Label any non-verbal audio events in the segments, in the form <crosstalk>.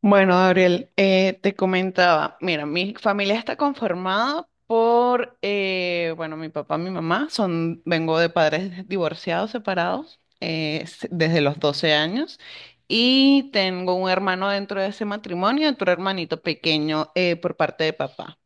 Bueno, Gabriel, te comentaba, mira, mi familia está conformada por, bueno, mi papá, mi mamá, son, vengo de padres divorciados, separados, desde los 12 años, y tengo un hermano dentro de ese matrimonio, otro hermanito pequeño por parte de papá.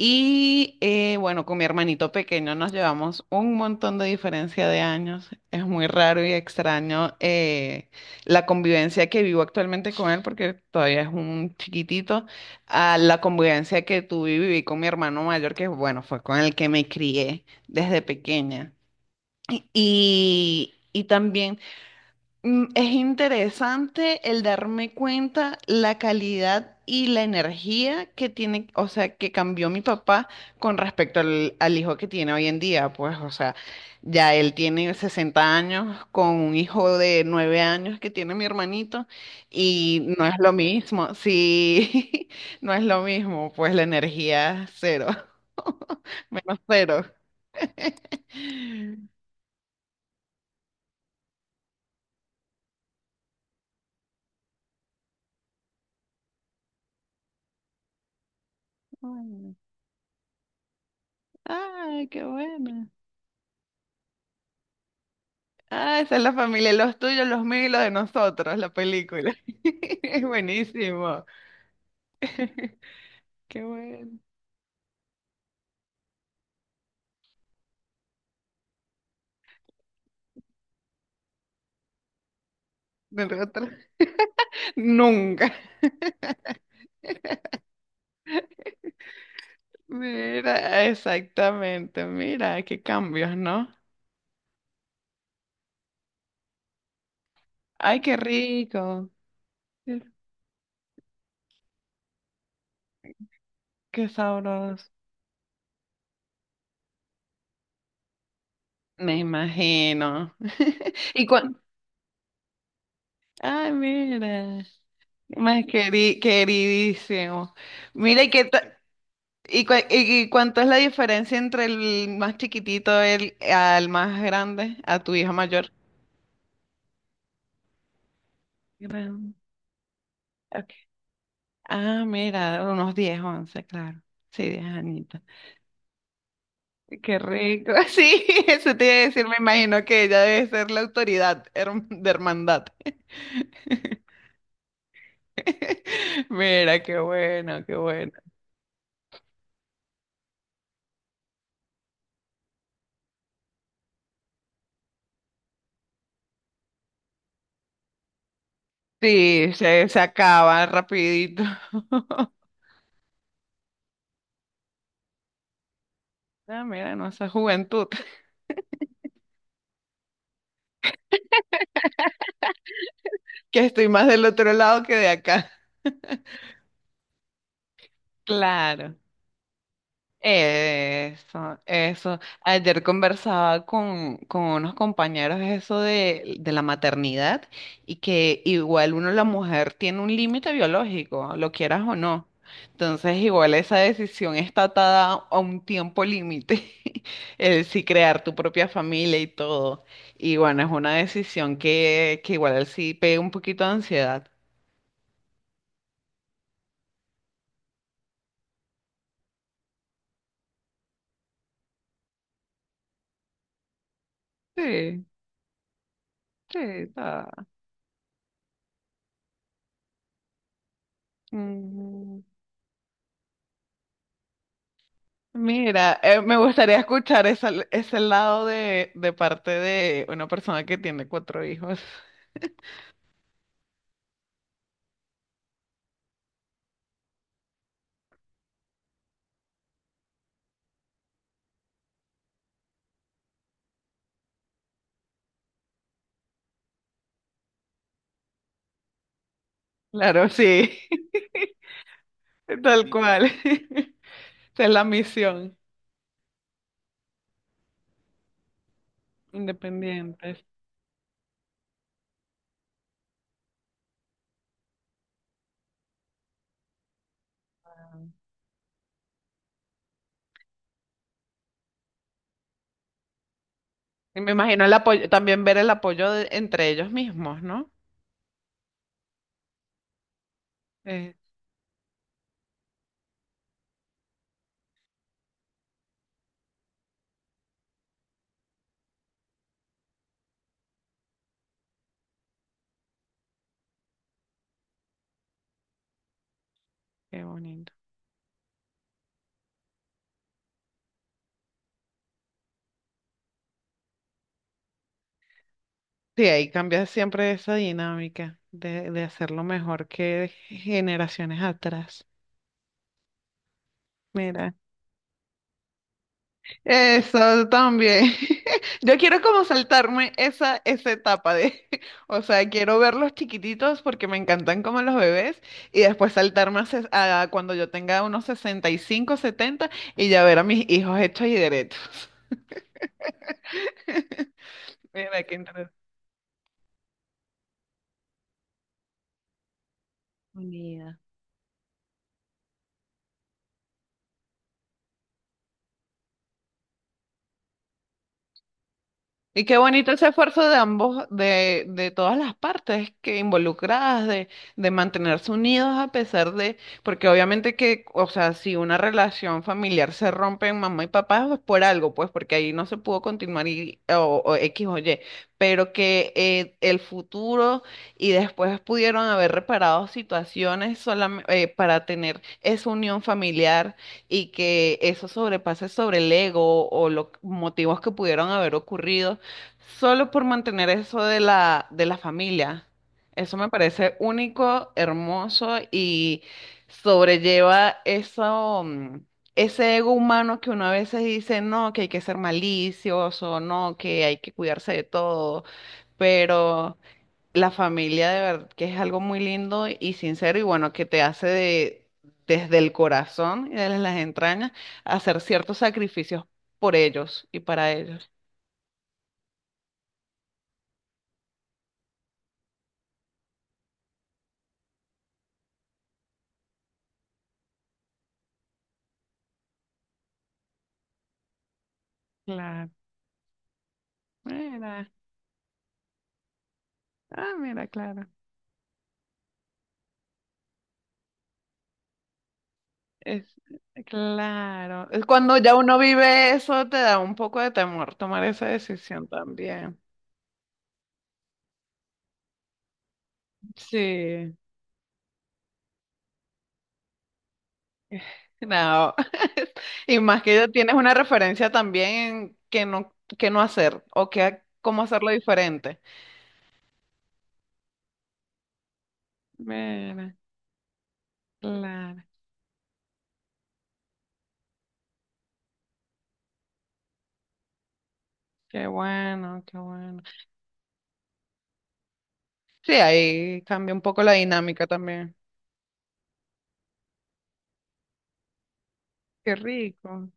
Y bueno, con mi hermanito pequeño nos llevamos un montón de diferencia de años. Es muy raro y extraño la convivencia que vivo actualmente con él, porque todavía es un chiquitito, a la convivencia que tuve y viví con mi hermano mayor, que bueno, fue con el que me crié desde pequeña. Y también es interesante el darme cuenta la calidad y la energía que tiene, o sea, que cambió mi papá con respecto al hijo que tiene hoy en día. Pues, o sea, ya él tiene 60 años con un hijo de 9 años que tiene mi hermanito y no es lo mismo, sí, <laughs> no es lo mismo, pues la energía cero, <laughs> menos cero. <laughs> Ay, ay, qué bueno. Ah, esa es la familia, los tuyos, los míos y los de nosotros, la película. <laughs> Es buenísimo. <laughs> Qué bueno. Nosotros nunca. Mira, exactamente. Mira, qué cambios, ¿no? Ay, qué rico. Qué qué sabroso. Me imagino. <laughs> Y cuan- Ay, mira. Más queridísimo. Mira, y qué, ta- ¿Y, cuánto es la diferencia entre el más chiquitito el, al más grande, a tu hija mayor? Gran- ok. Ah, mira, unos 10 11 claro. Sí, 10 añitos. Qué rico. <laughs> Sí, eso te iba a decir, me imagino que ella debe ser la autoridad de hermandad. <laughs> Mira, qué bueno, qué bueno. Sí, se acaba rapidito. <laughs> Ah, mira, no, esa juventud, <laughs> que estoy más del otro lado que de acá. Claro, eso, eso. Ayer conversaba con unos compañeros eso de la maternidad y que igual uno, la mujer, tiene un límite biológico, lo quieras o no. Entonces, igual esa decisión está atada a un tiempo límite, <laughs> el si crear tu propia familia y todo. Y bueno, es una decisión que igual sí pega un poquito de ansiedad. Sí, sí, está. Mira, me gustaría escuchar ese lado de, parte de una persona que tiene cuatro hijos. Claro, sí, <laughs> tal. Sí, cual. <laughs> Esa es la misión, independientes. Y me imagino el apoyo, también ver el apoyo entre ellos mismos, ¿no? Eh, Qué bonito. Sí, ahí cambia siempre esa dinámica de hacerlo mejor que generaciones atrás. Mira. Eso también. <laughs> Yo quiero como saltarme esa etapa de, <laughs> o sea, quiero verlos chiquititos porque me encantan como los bebés y después saltarme a cuando yo tenga unos 65 70 y ya ver a mis hijos hechos y derechos. <laughs> Mira, qué interesante. Y qué bonito ese esfuerzo de ambos, de todas las partes que involucradas, de mantenerse unidos a pesar de, porque obviamente que, o sea, si una relación familiar se rompe en mamá y papá, pues por algo, pues porque ahí no se pudo continuar y, o X o Y, pero que el futuro y después pudieron haber reparado situaciones para tener esa unión familiar y que eso sobrepase sobre el ego o los motivos que pudieron haber ocurrido solo por mantener eso de la familia. Eso me parece único, hermoso y sobrelleva eso, ese ego humano que uno a veces dice, no, que hay que ser malicioso, no, que hay que cuidarse de todo. Pero la familia de verdad que es algo muy lindo y sincero y bueno, que te hace de, desde el corazón y desde las entrañas hacer ciertos sacrificios por ellos y para ellos. Claro. Mira. Ah, mira, claro. Es claro. Es Cuando ya uno vive eso, te da un poco de temor tomar esa decisión también. Sí. No. <laughs> Y más que ya tienes una referencia también en que no hacer o que cómo hacerlo diferente. Mira, claro. Qué bueno, qué bueno. Sí, ahí cambia un poco la dinámica también. Qué rico.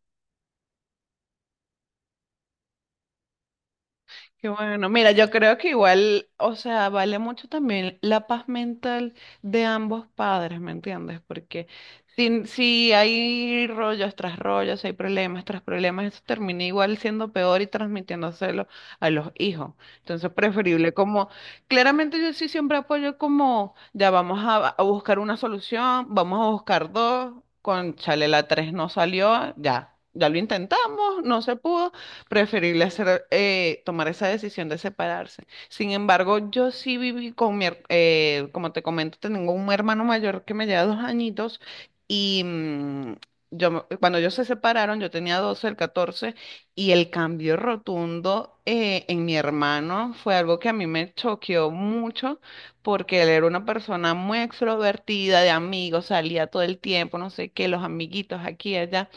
Qué bueno, mira, yo creo que igual, o sea, vale mucho también la paz mental de ambos padres, ¿me entiendes? Porque si hay rollos tras rollos, si hay problemas tras problemas, eso termina igual siendo peor y transmitiéndoselo a los hijos. Entonces, preferible como, claramente yo sí siempre apoyo como, ya vamos a buscar una solución, vamos a buscar dos, con chale la tres no salió, ya. Ya lo intentamos, no se pudo, preferible hacer, tomar esa decisión de separarse. Sin embargo, yo sí viví con como te comento, tengo un hermano mayor que me lleva 2 añitos y cuando ellos se separaron, yo tenía 12, el 14 y el cambio rotundo en mi hermano fue algo que a mí me choqueó mucho porque él era una persona muy extrovertida, de amigos, salía todo el tiempo, no sé qué, los amiguitos aquí, allá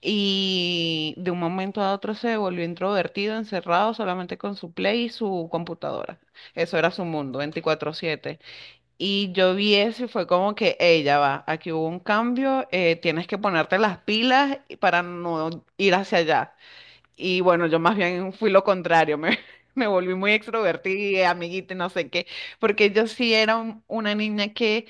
y de un momento a otro se volvió introvertido, encerrado solamente con su Play y su computadora. Eso era su mundo, 24/7. Y yo vi eso y fue como que, ella va, aquí hubo un cambio, tienes que ponerte las pilas para no ir hacia allá. Y bueno, yo más bien fui lo contrario, me, <laughs> me volví muy extrovertida, amiguita, y no sé qué, porque yo sí era una niña que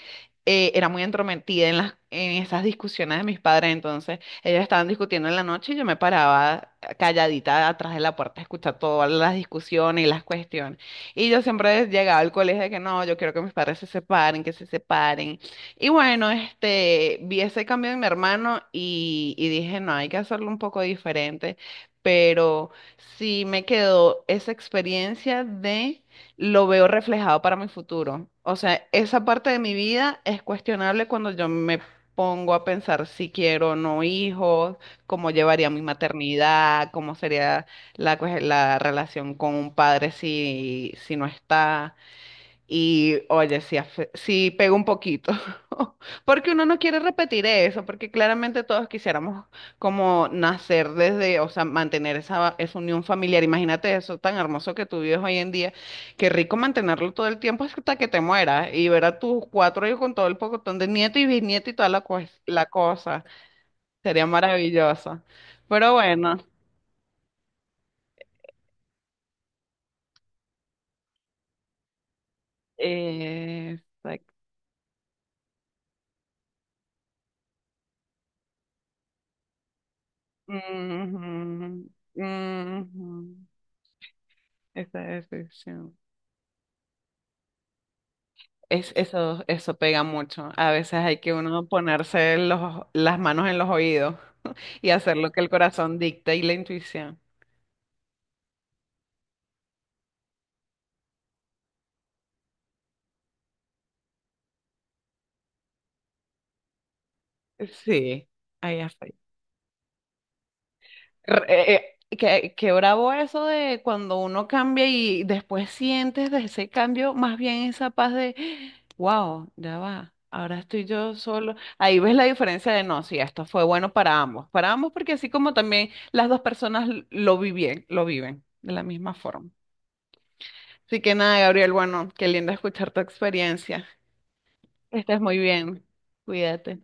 era muy entrometida en en esas discusiones de mis padres, entonces ellos estaban discutiendo en la noche y yo me paraba calladita atrás de la puerta a escuchar todas las discusiones y las cuestiones. Y yo siempre llegaba al colegio de que no, yo quiero que mis padres se separen, que se separen. Y bueno, este, vi ese cambio en mi hermano y dije, no, hay que hacerlo un poco diferente pero sí me quedó esa experiencia de lo veo reflejado para mi futuro. O sea, esa parte de mi vida es cuestionable cuando yo me pongo a pensar si quiero o no hijos, cómo llevaría mi maternidad, cómo sería la, la relación con un padre si no está. Y oye, sí, sí pega un poquito, <laughs> porque uno no quiere repetir eso, porque claramente todos quisiéramos como nacer desde, o sea, mantener esa unión familiar. Imagínate eso tan hermoso que tú vives hoy en día. Qué rico mantenerlo todo el tiempo hasta que te mueras y ver a tus cuatro hijos con todo el pocotón de nieto y bisnieto y toda la, la cosa. Sería maravilloso. Pero bueno, eh, exact- ujú, ujú, esa es la decisión. Es, eso pega mucho. A veces hay que uno ponerse los, las manos en los oídos y hacer lo que el corazón dicta y la intuición. Sí, ahí está. Re- eh, eh, qué bravo eso de cuando uno cambia y después sientes de ese cambio más bien esa paz de, wow, ya va, ahora estoy yo solo. Ahí ves la diferencia de no, si esto fue bueno para ambos porque así como también las dos personas lo viven de la misma forma. Así que nada, Gabriel, bueno, qué lindo escuchar tu experiencia. Estás muy bien. Cuídate.